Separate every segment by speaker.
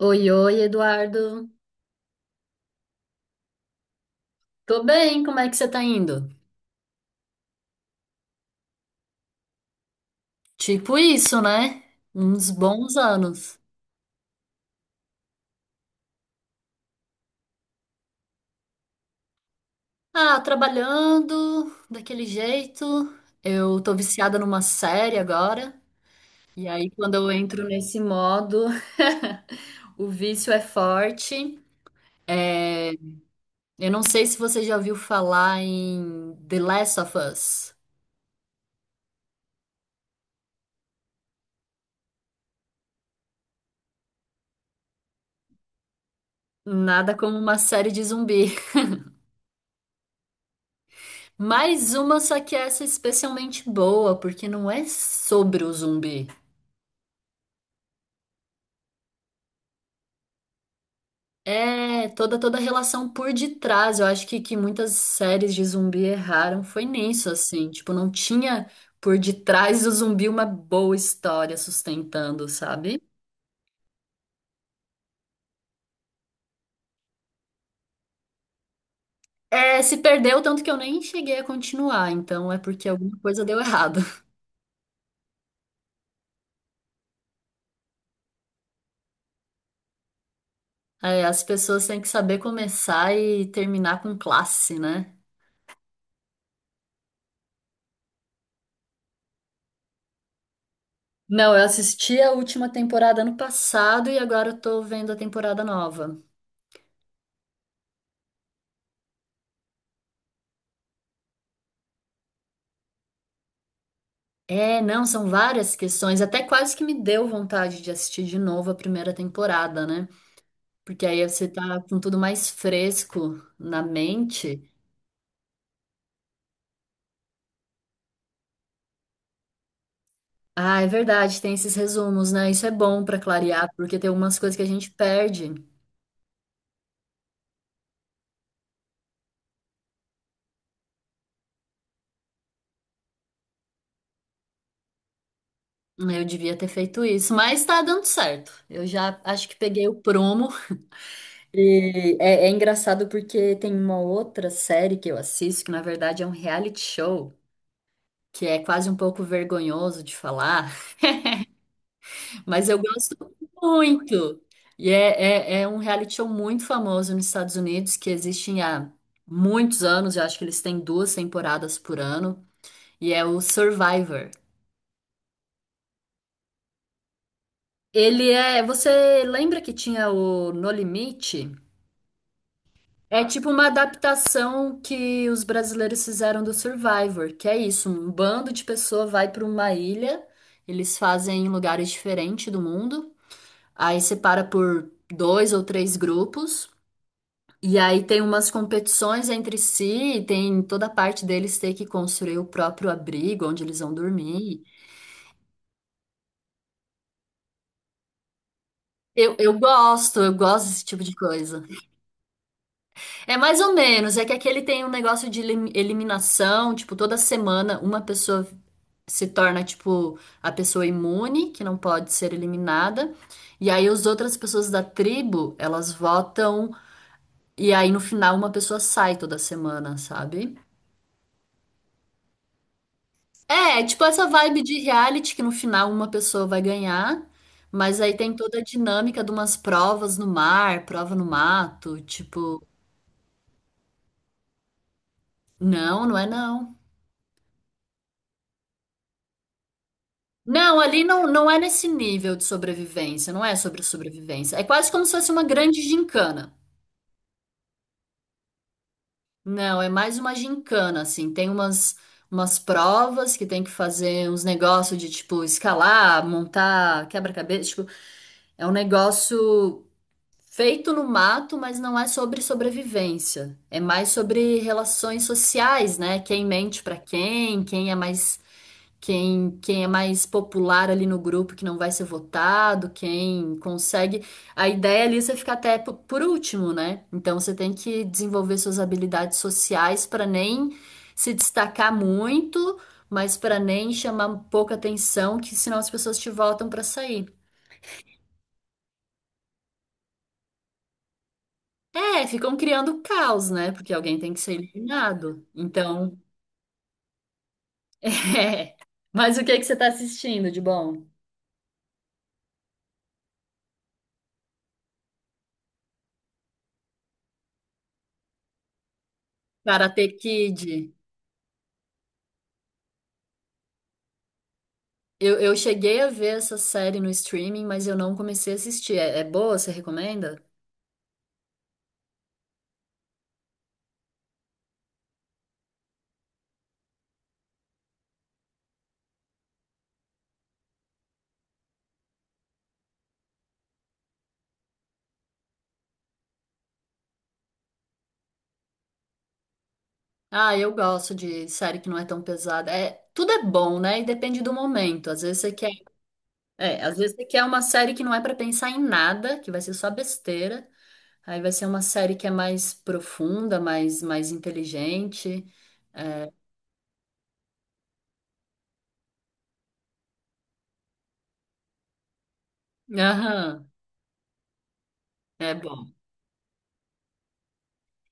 Speaker 1: Oi, oi, Eduardo. Tô bem, como é que você tá indo? Tipo isso, né? Uns bons anos. Ah, trabalhando daquele jeito. Eu tô viciada numa série agora. E aí, quando eu entro nesse modo, o vício é forte. É, eu não sei se você já ouviu falar em The Last of Us. Nada como uma série de zumbi. Mais uma, só que essa é especialmente boa, porque não é sobre o zumbi. É toda a relação por detrás. Eu acho que muitas séries de zumbi erraram foi nisso, assim. Tipo, não tinha por detrás do zumbi uma boa história sustentando, sabe? É, se perdeu tanto que eu nem cheguei a continuar, então é porque alguma coisa deu errado. É, as pessoas têm que saber começar e terminar com classe, né? Não, eu assisti a última temporada ano passado e agora eu tô vendo a temporada nova. É, não, são várias questões, até quase que me deu vontade de assistir de novo a primeira temporada, né? Porque aí você tá com tudo mais fresco na mente. Ah, é verdade, tem esses resumos, né? Isso é bom pra clarear, porque tem algumas coisas que a gente perde. Eu devia ter feito isso, mas tá dando certo. Eu já acho que peguei o prumo. É engraçado porque tem uma outra série que eu assisto, que na verdade é um reality show, que é quase um pouco vergonhoso de falar, mas eu gosto muito. É um reality show muito famoso nos Estados Unidos, que existe há muitos anos, eu acho que eles têm duas temporadas por ano, e é o Survivor. Ele é. Você lembra que tinha o No Limite? É tipo uma adaptação que os brasileiros fizeram do Survivor, que é isso, um bando de pessoas vai para uma ilha, eles fazem em lugares diferentes do mundo, aí separa por dois ou três grupos, e aí tem umas competições entre si, e tem toda a parte deles ter que construir o próprio abrigo onde eles vão dormir. Eu gosto, eu gosto desse tipo de coisa. É mais ou menos, é que aqui ele tem um negócio de eliminação, tipo, toda semana uma pessoa se torna, tipo, a pessoa imune, que não pode ser eliminada, e aí as outras pessoas da tribo, elas votam, e aí no final uma pessoa sai toda semana, sabe? É, é tipo essa vibe de reality que no final uma pessoa vai ganhar, mas aí tem toda a dinâmica de umas provas no mar, prova no mato, tipo, não, não é não. Não, ali não, não é nesse nível de sobrevivência, não é sobre sobrevivência. É quase como se fosse uma grande gincana. Não, é mais uma gincana, assim. Umas provas que tem que fazer uns negócios de, tipo, escalar, montar quebra-cabeça. Tipo, é um negócio feito no mato, mas não é sobre sobrevivência. É mais sobre relações sociais, né? Quem mente pra quem, quem é mais quem é mais popular ali no grupo que não vai ser votado, quem consegue. A ideia ali é você ficar até por último, né? Então você tem que desenvolver suas habilidades sociais para nem se destacar muito, mas para nem chamar pouca atenção, que senão as pessoas te votam para sair. É, ficam criando caos, né? Porque alguém tem que ser eliminado. Então, é. Mas o que que você tá assistindo de bom? Karate Kid. Eu cheguei a ver essa série no streaming, mas eu não comecei a assistir. É, é boa? Você recomenda? Ah, eu gosto de série que não é tão pesada. É, tudo é bom, né? E depende do momento. Às vezes você quer uma série que não é pra pensar em nada, que vai ser só besteira. Aí vai ser uma série que é mais profunda, mais inteligente. Aham, é bom.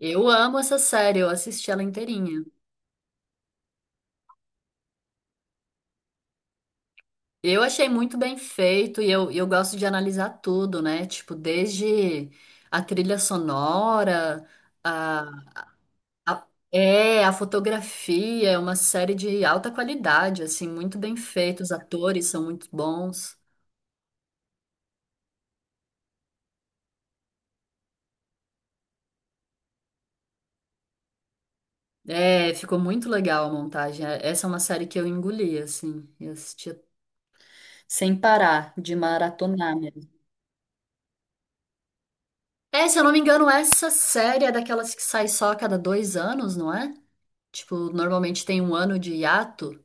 Speaker 1: Eu amo essa série, eu assisti ela inteirinha. Eu achei muito bem feito e eu gosto de analisar tudo, né? Tipo, desde a trilha sonora, a, a fotografia, é uma série de alta qualidade, assim, muito bem feito, os atores são muito bons. É, ficou muito legal a montagem. Essa é uma série que eu engoli, assim, eu assistia sem parar, de maratonar mesmo. É, se eu não me engano, essa série é daquelas que sai só a cada dois anos, não é? Tipo, normalmente tem um ano de hiato.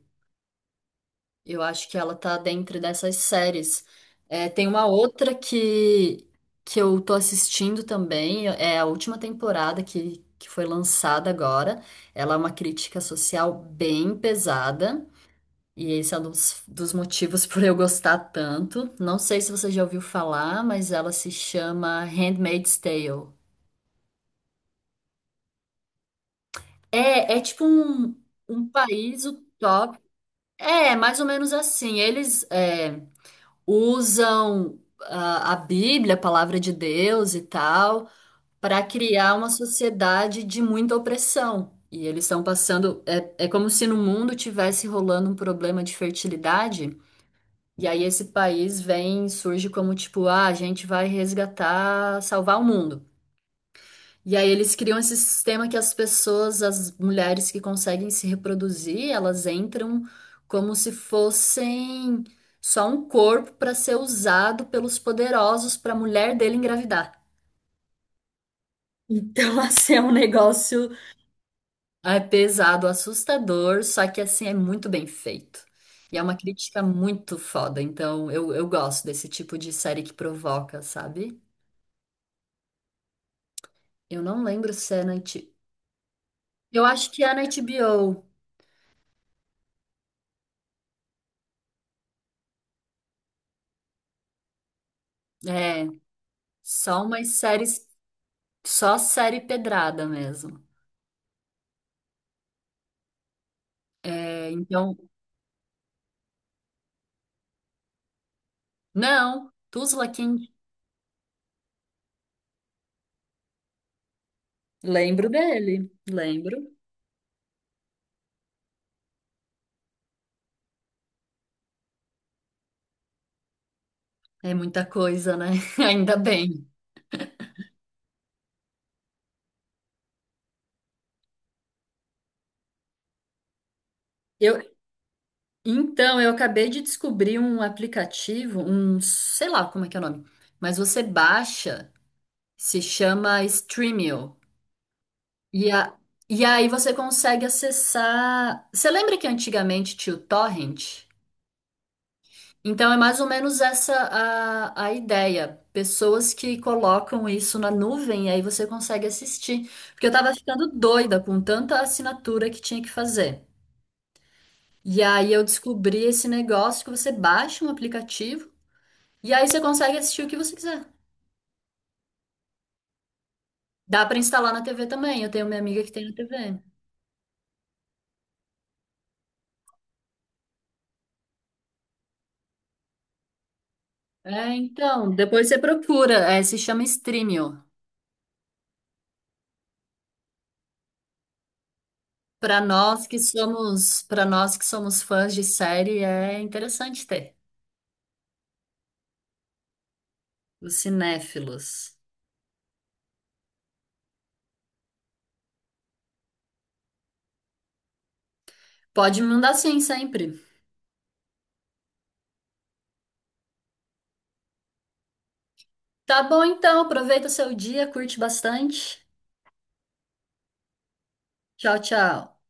Speaker 1: Eu acho que ela tá dentro dessas séries. É, tem uma outra que eu tô assistindo também, é a última temporada que foi lançada agora. Ela é uma crítica social bem pesada, e esse é um dos motivos por eu gostar tanto. Não sei se você já ouviu falar, mas ela se chama Handmaid's Tale. É, é tipo um, um país utópico. É, mais ou menos assim. Usam a Bíblia, a palavra de Deus e tal, para criar uma sociedade de muita opressão. E eles estão passando. É, é como se no mundo tivesse rolando um problema de fertilidade. E aí esse país vem, surge como tipo, ah, a gente vai resgatar, salvar o mundo. E aí eles criam esse sistema que as pessoas, as mulheres que conseguem se reproduzir, elas entram como se fossem só um corpo para ser usado pelos poderosos para a mulher dele engravidar. Então, assim, é um negócio. É pesado, assustador, só que assim é muito bem feito. E é uma crítica muito foda, então eu gosto desse tipo de série que provoca, sabe? Eu não lembro se é na HBO. Eu acho que é na HBO. Só umas séries, só série pedrada mesmo. É, então, não, Tuzla King. Lembro dele, lembro. É muita coisa, né? Ainda bem. Eu, eu acabei de descobrir um aplicativo, sei lá como é que é o nome, mas você baixa, se chama Streamio. E, a, e aí você consegue acessar. Você lembra que antigamente tinha o Torrent? Então é mais ou menos a ideia. Pessoas que colocam isso na nuvem e aí você consegue assistir. Porque eu tava ficando doida com tanta assinatura que tinha que fazer. E aí eu descobri esse negócio que você baixa um aplicativo e aí você consegue assistir o que você quiser. Dá pra instalar na TV também. Eu tenho minha amiga que tem na TV. É, então, depois você procura, é, se chama Streamio. Para nós que somos fãs de série, é interessante ter. Os cinéfilos. Pode me mandar sim sempre. Tá bom então, aproveita o seu dia, curte bastante. Tchau, tchau.